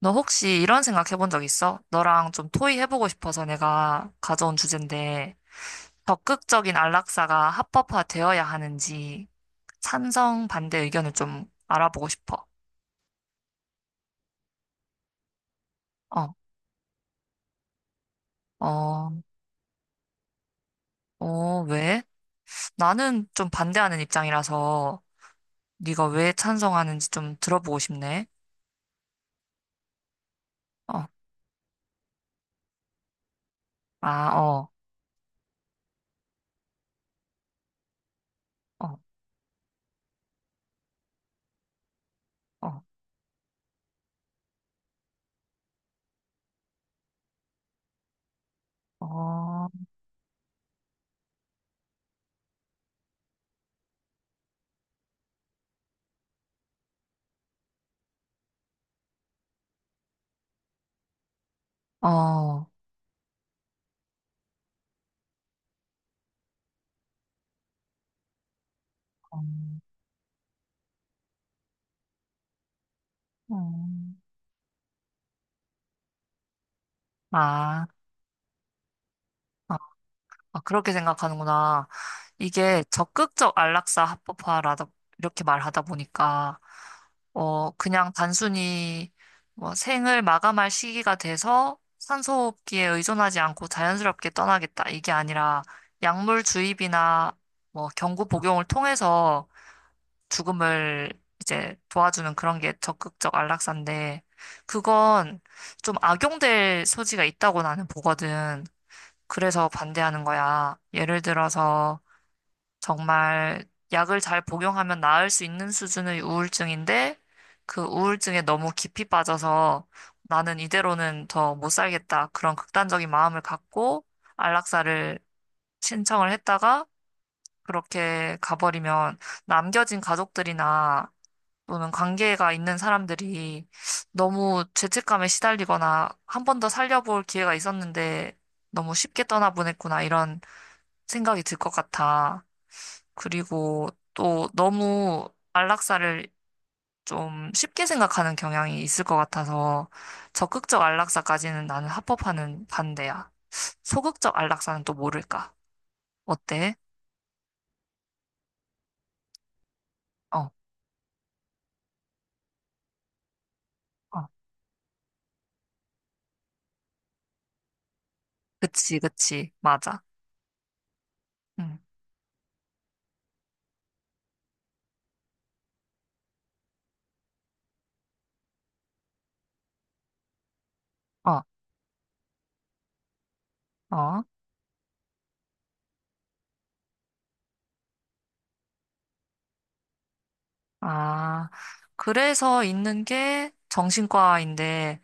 너 혹시 이런 생각 해본 적 있어? 너랑 좀 토의해보고 싶어서 내가 가져온 주제인데, 적극적인 안락사가 합법화되어야 하는지 찬성, 반대 의견을 좀 알아보고 싶어. 어, 어, 어, 왜? 나는 좀 반대하는 입장이라서 네가 왜 찬성하는지 좀 들어보고 싶네. 어, 아, 어, 어, 어, 어, 어, 어, 음, 아. 아, 그렇게 생각하는구나. 이게 적극적 안락사 합법화라다, 이렇게 말하다 보니까, 어, 그냥 단순히 뭐 생을 마감할 시기가 돼서 산소호흡기에 의존하지 않고 자연스럽게 떠나겠다. 이게 아니라 약물 주입이나 뭐 경구 복용을 통해서 죽음을 이제 도와주는 그런 게 적극적 안락사인데, 그건 좀 악용될 소지가 있다고 나는 보거든. 그래서 반대하는 거야. 예를 들어서 정말 약을 잘 복용하면 나을 수 있는 수준의 우울증인데 그 우울증에 너무 깊이 빠져서 나는 이대로는 더 못 살겠다. 그런 극단적인 마음을 갖고 안락사를 신청을 했다가 그렇게 가버리면 남겨진 가족들이나 또는 관계가 있는 사람들이 너무 죄책감에 시달리거나 한 번 더 살려볼 기회가 있었는데 너무 쉽게 떠나보냈구나 이런 생각이 들 것 같아. 그리고 또 너무 안락사를 좀 쉽게 생각하는 경향이 있을 것 같아서 적극적 안락사까지는 나는 합법화는 반대야. 소극적 안락사는 또 모를까? 어때? 어, 어, 그치, 그치, 맞아. 응, 어, 어. 아, 그래서 있는 게 정신과인데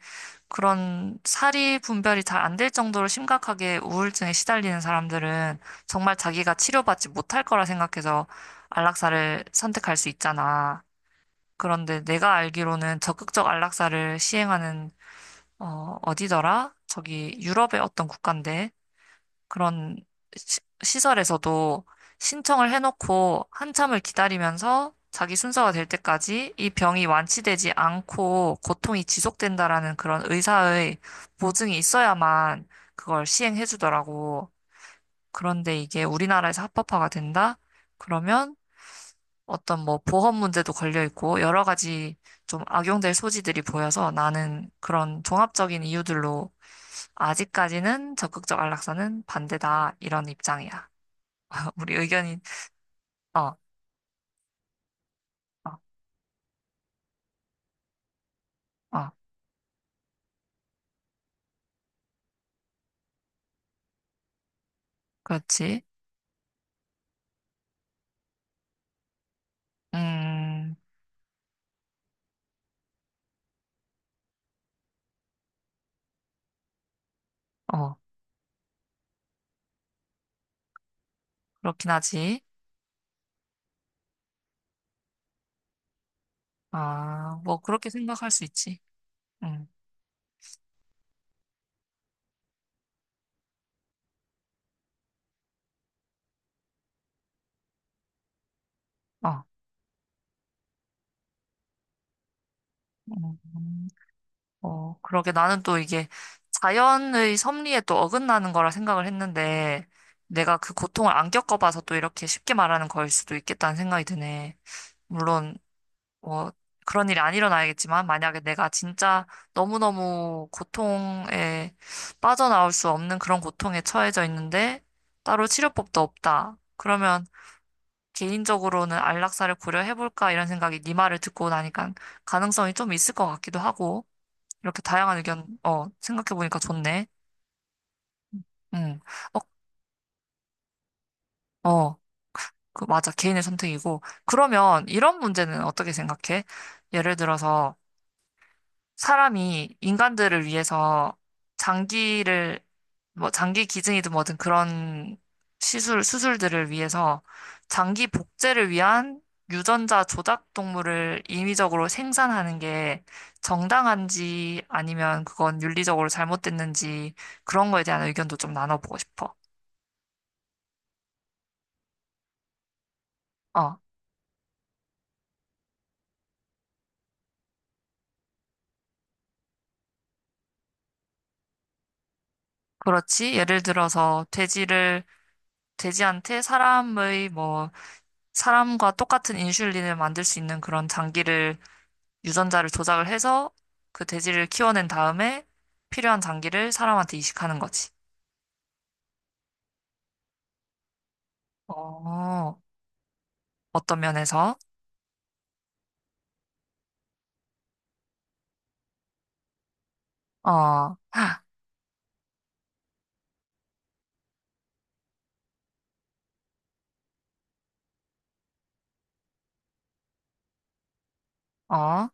그런 사리 분별이 잘 안 될 정도로 심각하게 우울증에 시달리는 사람들은 정말 자기가 치료받지 못할 거라 생각해서 안락사를 선택할 수 있잖아. 그런데 내가 알기로는 적극적 안락사를 시행하는 어, 어디더라? 저기 유럽의 어떤 국가인데 그런 시설에서도 신청을 해놓고 한참을 기다리면서 자기 순서가 될 때까지 이 병이 완치되지 않고 고통이 지속된다라는 그런 의사의 보증이 있어야만 그걸 시행해 주더라고. 그런데 이게 우리나라에서 합법화가 된다? 그러면 어떤 뭐 보험 문제도 걸려 있고 여러 가지 좀 악용될 소지들이 보여서 나는 그런 종합적인 이유들로 아직까지는 적극적 안락사는 반대다 이런 입장이야. 우리 의견이, 어, 어, 어, 그렇지. 음, 어, 그렇긴 하지. 아, 뭐, 그렇게 생각할 수 있지. 음, 어, 음, 어, 그러게 나는 또 이게 자연의 섭리에 또 어긋나는 거라 생각을 했는데, 내가 그 고통을 안 겪어봐서 또 이렇게 쉽게 말하는 거일 수도 있겠다는 생각이 드네. 물론, 뭐 그런 일이 안 일어나야겠지만 만약에 내가 진짜 너무너무 고통에 빠져나올 수 없는 그런 고통에 처해져 있는데 따로 치료법도 없다. 그러면 개인적으로는 안락사를 고려해볼까 이런 생각이 네 말을 듣고 나니까 가능성이 좀 있을 것 같기도 하고 이렇게 다양한 의견 어 생각해보니까 좋네. 음. 어, 어. 그 맞아. 개인의 선택이고. 그러면 이런 문제는 어떻게 생각해? 예를 들어서 사람이 인간들을 위해서 장기를 뭐 장기 기증이든 뭐든 그런 시술 수술들을 위해서 장기 복제를 위한 유전자 조작 동물을 인위적으로 생산하는 게 정당한지 아니면 그건 윤리적으로 잘못됐는지 그런 거에 대한 의견도 좀 나눠보고 싶어. 어, 그렇지. 예를 들어서 돼지를 돼지한테 사람의 뭐 사람과 똑같은 인슐린을 만들 수 있는 그런 장기를 유전자를 조작을 해서 그 돼지를 키워낸 다음에 필요한 장기를 사람한테 이식하는 거지. 어, 어떤 면에서? 어, 어,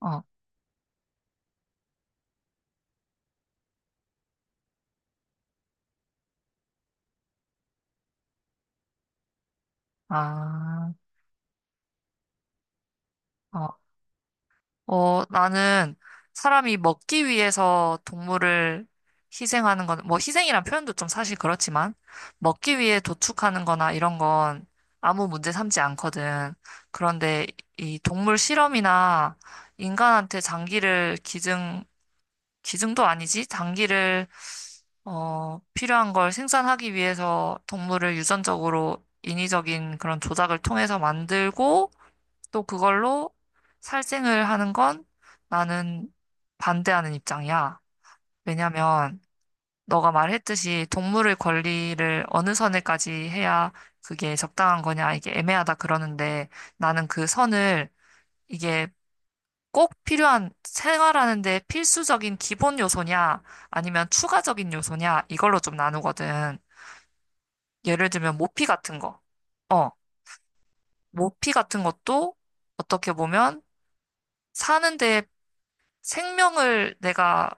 어, 아, 어, 어, 나는 사람이 먹기 위해서 동물을 희생하는 건, 뭐 희생이란 표현도 좀 사실 그렇지만, 먹기 위해 도축하는 거나 이런 건 아무 문제 삼지 않거든. 그런데 이 동물 실험이나 인간한테 장기를 기증도 아니지. 단기를, 어, 필요한 걸 생산하기 위해서 동물을 유전적으로 인위적인 그런 조작을 통해서 만들고 또 그걸로 살생을 하는 건 나는 반대하는 입장이야. 왜냐면 너가 말했듯이 동물의 권리를 어느 선에까지 해야 그게 적당한 거냐, 이게 애매하다 그러는데 나는 그 선을 이게 꼭 필요한 생활하는데 필수적인 기본 요소냐, 아니면 추가적인 요소냐, 이걸로 좀 나누거든. 예를 들면 모피 같은 거. 어, 모피 같은 것도 어떻게 보면 사는데 생명을 내가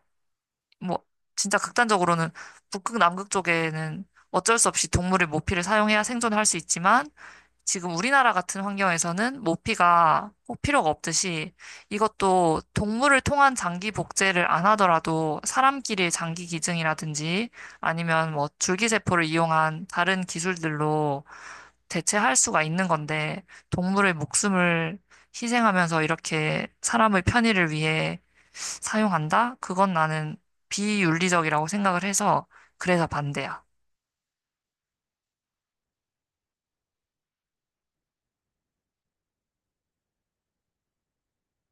뭐 진짜 극단적으로는 북극 남극 쪽에는 어쩔 수 없이 동물의 모피를 사용해야 생존할 수 있지만 지금 우리나라 같은 환경에서는 모피가 꼭 필요가 없듯이 이것도 동물을 통한 장기 복제를 안 하더라도 사람끼리 장기 기증이라든지 아니면 뭐 줄기세포를 이용한 다른 기술들로 대체할 수가 있는 건데 동물의 목숨을 희생하면서 이렇게 사람의 편의를 위해 사용한다? 그건 나는 비윤리적이라고 생각을 해서 그래서 반대야.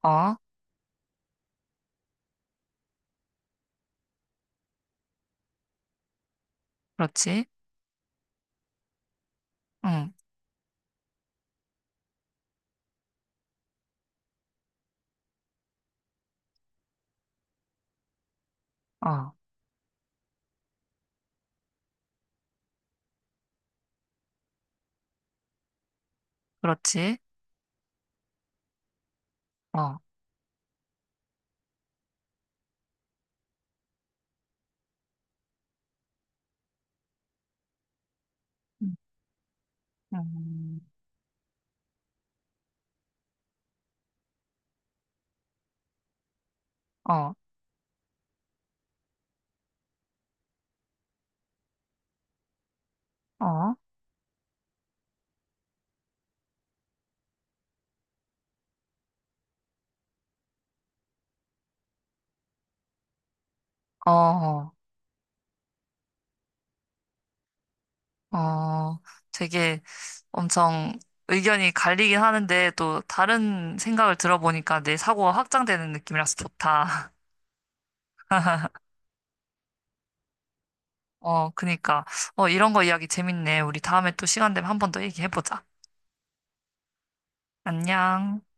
어, 그렇지. 응, 어, 그렇지. 어. 음, 어, 어, 어, 어, 어, 되게 엄청 의견이 갈리긴 하는데 또 다른 생각을 들어보니까 내 사고가 확장되는 느낌이라서 좋다. 어, 그니까. 어, 이런 거 이야기 재밌네. 우리 다음에 또 시간 되면 한 번 더 얘기해보자. 안녕.